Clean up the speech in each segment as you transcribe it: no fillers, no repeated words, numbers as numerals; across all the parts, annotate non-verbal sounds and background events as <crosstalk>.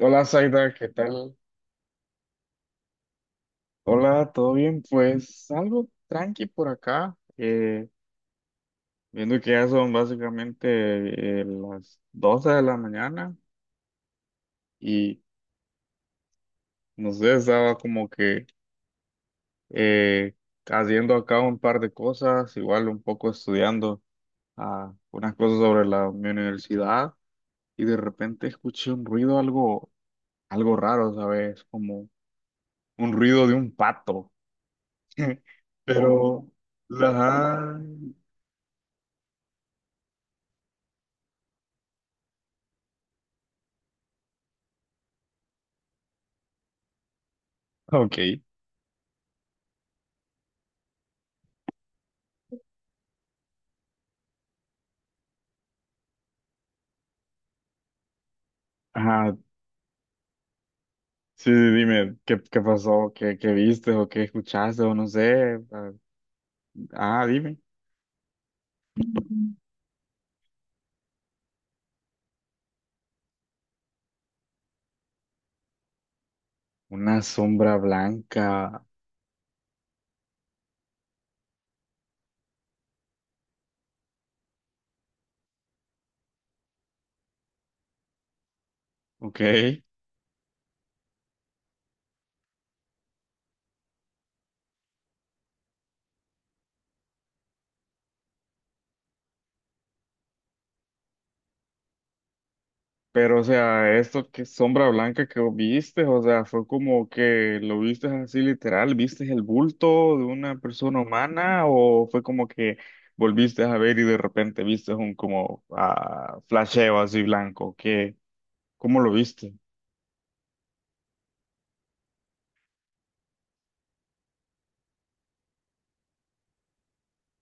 Hola Zaida, ¿qué tal? Hola, ¿todo bien? Pues algo tranqui por acá, viendo que ya son básicamente las 12 de la mañana y no sé, estaba como que eh, haciendo acá un par de cosas, igual un poco estudiando unas cosas sobre mi universidad y de repente escuché un ruido algo raro, ¿sabes? Como un ruido de un pato, <laughs> pero... Ajá. Ok. Ajá. Sí, sí, dime, ¿qué pasó? ¿Qué viste o qué escuchaste o no sé? Ah, dime. Una sombra blanca. Ok. Pero, o sea, esto que sombra blanca que viste, o sea, fue como que lo viste así literal, ¿viste el bulto de una persona humana o fue como que volviste a ver y de repente viste un como flasheo así blanco? ¿Qué? ¿Cómo lo viste?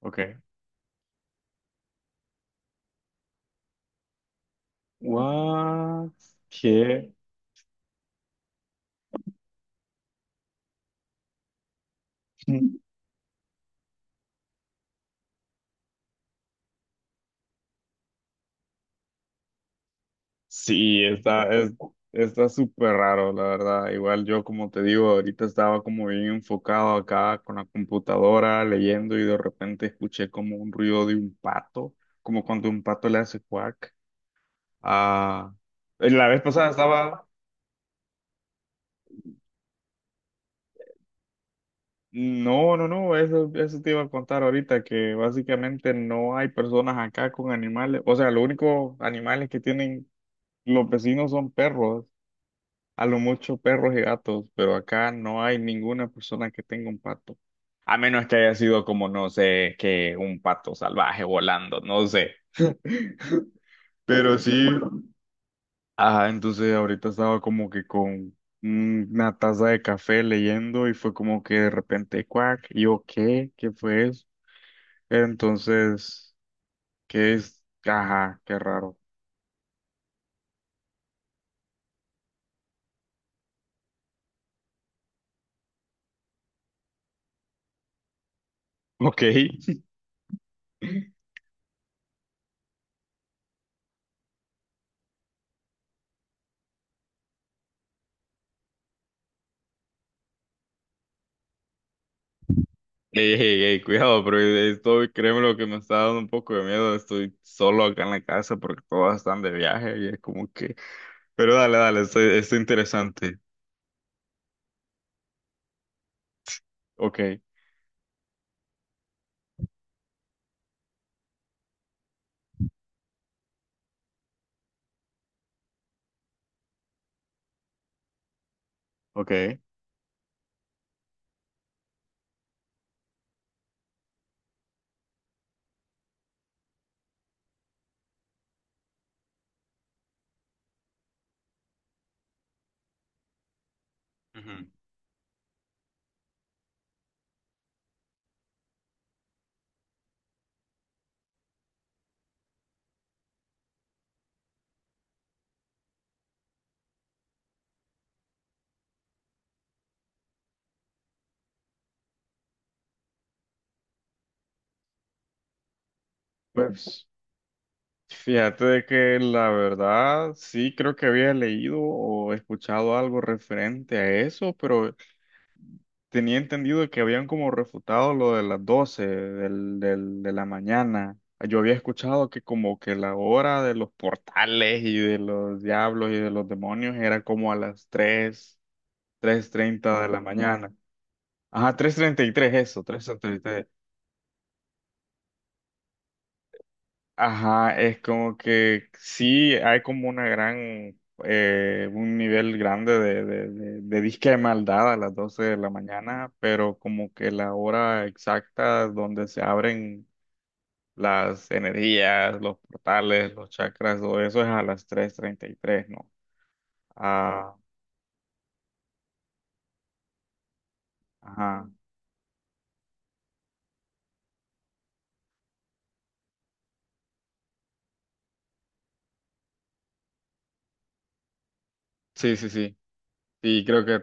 Ok. What? ¿Qué? <laughs> Sí, está súper raro, la verdad. Igual yo, como te digo, ahorita estaba como bien enfocado acá con la computadora, leyendo, y de repente escuché como un ruido de un pato, como cuando un pato le hace quack. Ah, la vez pasada estaba... no, eso te iba a contar ahorita, que básicamente no hay personas acá con animales. O sea, los únicos animales que tienen los vecinos son perros. A lo mucho perros y gatos, pero acá no hay ninguna persona que tenga un pato. A menos que haya sido como, no sé, que un pato salvaje volando, no sé. <laughs> Pero sí. Ajá, entonces ahorita estaba como que con una taza de café leyendo y fue como que de repente, cuac, y yo, ¿qué? ¿Qué fue eso? Entonces, ¿qué es? Ajá, qué raro. Ok. <laughs> Ey, ey, ey, cuidado, pero esto, créeme lo que me está dando un poco de miedo. Estoy solo acá en la casa porque todos están de viaje y es como que. Pero dale, dale, esto es interesante. Ok, ok. Ujú. Pues fíjate de que la verdad sí creo que había leído o escuchado algo referente a eso, pero tenía entendido que habían como refutado lo de las 12 de la mañana. Yo había escuchado que como que la hora de los portales y de los diablos y de los demonios era como a las tres 3 treinta de la mañana. Ajá, 3:33. Ajá, es como que sí hay como una gran, un nivel grande de disque de maldad a las 12 de la mañana, pero como que la hora exacta donde se abren las energías, los portales, los chakras, todo eso es a las 3:33, ¿no? Ah, ajá. Sí, sí, sí. Y creo que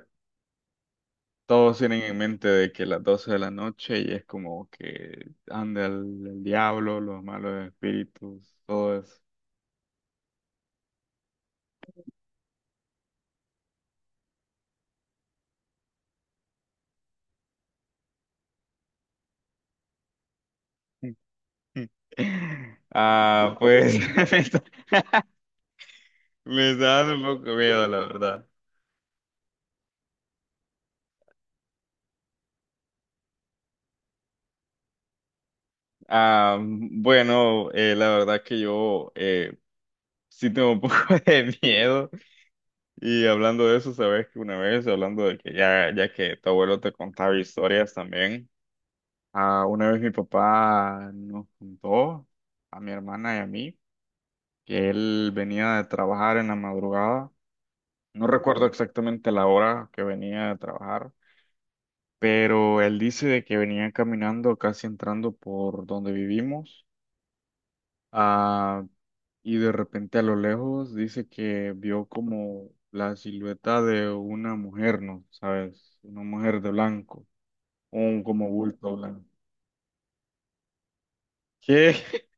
todos tienen en mente de que las 12 de la noche y es como que anda el diablo, los malos espíritus, todo eso. <laughs> Ah, pues <laughs> me está, <laughs> me está dando un poco miedo, la verdad. Ah, bueno, la verdad que yo sí tengo un poco <laughs> de miedo. Y hablando de eso, sabes que una vez, hablando de que ya que tu abuelo te contaba historias también, una vez mi papá nos contó a mi hermana y a mí que él venía de trabajar en la madrugada. No recuerdo exactamente la hora que venía de trabajar, pero él dice de que venía caminando casi entrando por donde vivimos. Ah, y de repente a lo lejos dice que vio como la silueta de una mujer, ¿no? ¿Sabes? Una mujer de blanco, un como bulto blanco. ¿Qué? <laughs>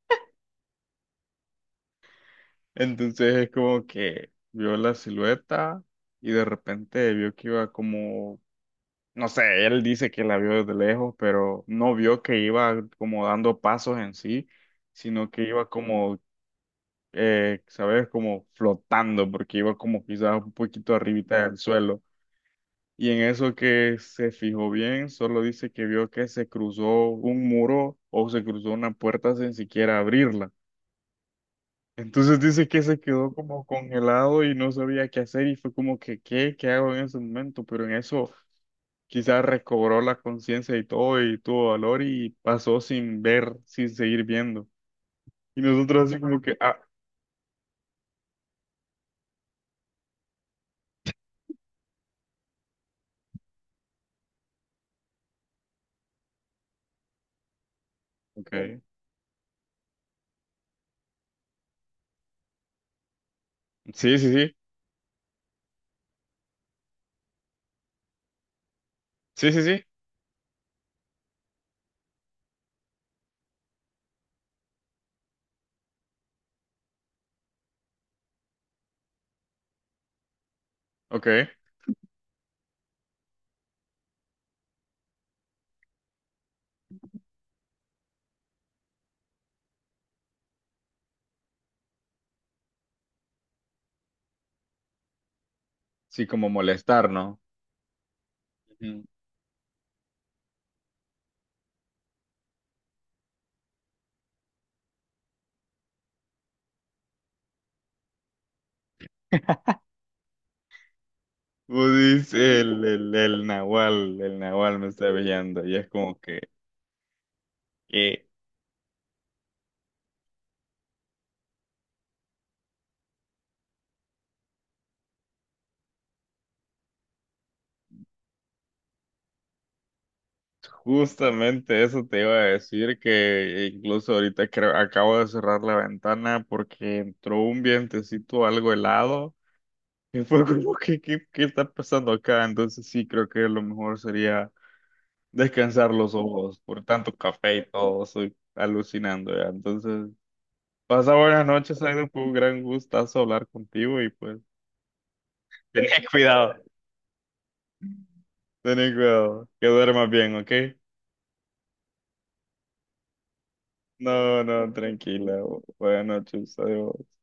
Entonces es como que vio la silueta y de repente vio que iba como, no sé, él dice que la vio desde lejos, pero no vio que iba como dando pasos en sí, sino que iba como ¿sabes? Como flotando, porque iba como quizás un poquito arribita del suelo. Y en eso que se fijó bien, solo dice que vio que se cruzó un muro o se cruzó una puerta sin siquiera abrirla. Entonces dice que se quedó como congelado y no sabía qué hacer y fue como que, ¿qué? ¿Qué hago en ese momento? Pero en eso quizás recobró la conciencia y todo y tuvo valor y pasó sin ver, sin seguir viendo. Y nosotros así como que, ah, ok. Sí, sí, sí, sí, sí, sí, ok. Sí, como molestar, ¿no? Ujú. <laughs> Vos dices, el Nahual me está brillando. Y es como que justamente eso te iba a decir, que incluso ahorita creo, acabo de cerrar la ventana porque entró un vientecito algo helado. Y fue como que, ¿qué está pasando acá? Entonces sí, creo que lo mejor sería descansar los ojos por tanto café y todo. Estoy alucinando ya. Entonces, pasa buenas noches, Aida. Fue un gran gustazo hablar contigo y pues, <laughs> ten cuidado. Ten cuidado, que duermas bien, ¿ok? No, no, tranquila. Bu- Buenas noches, adiós.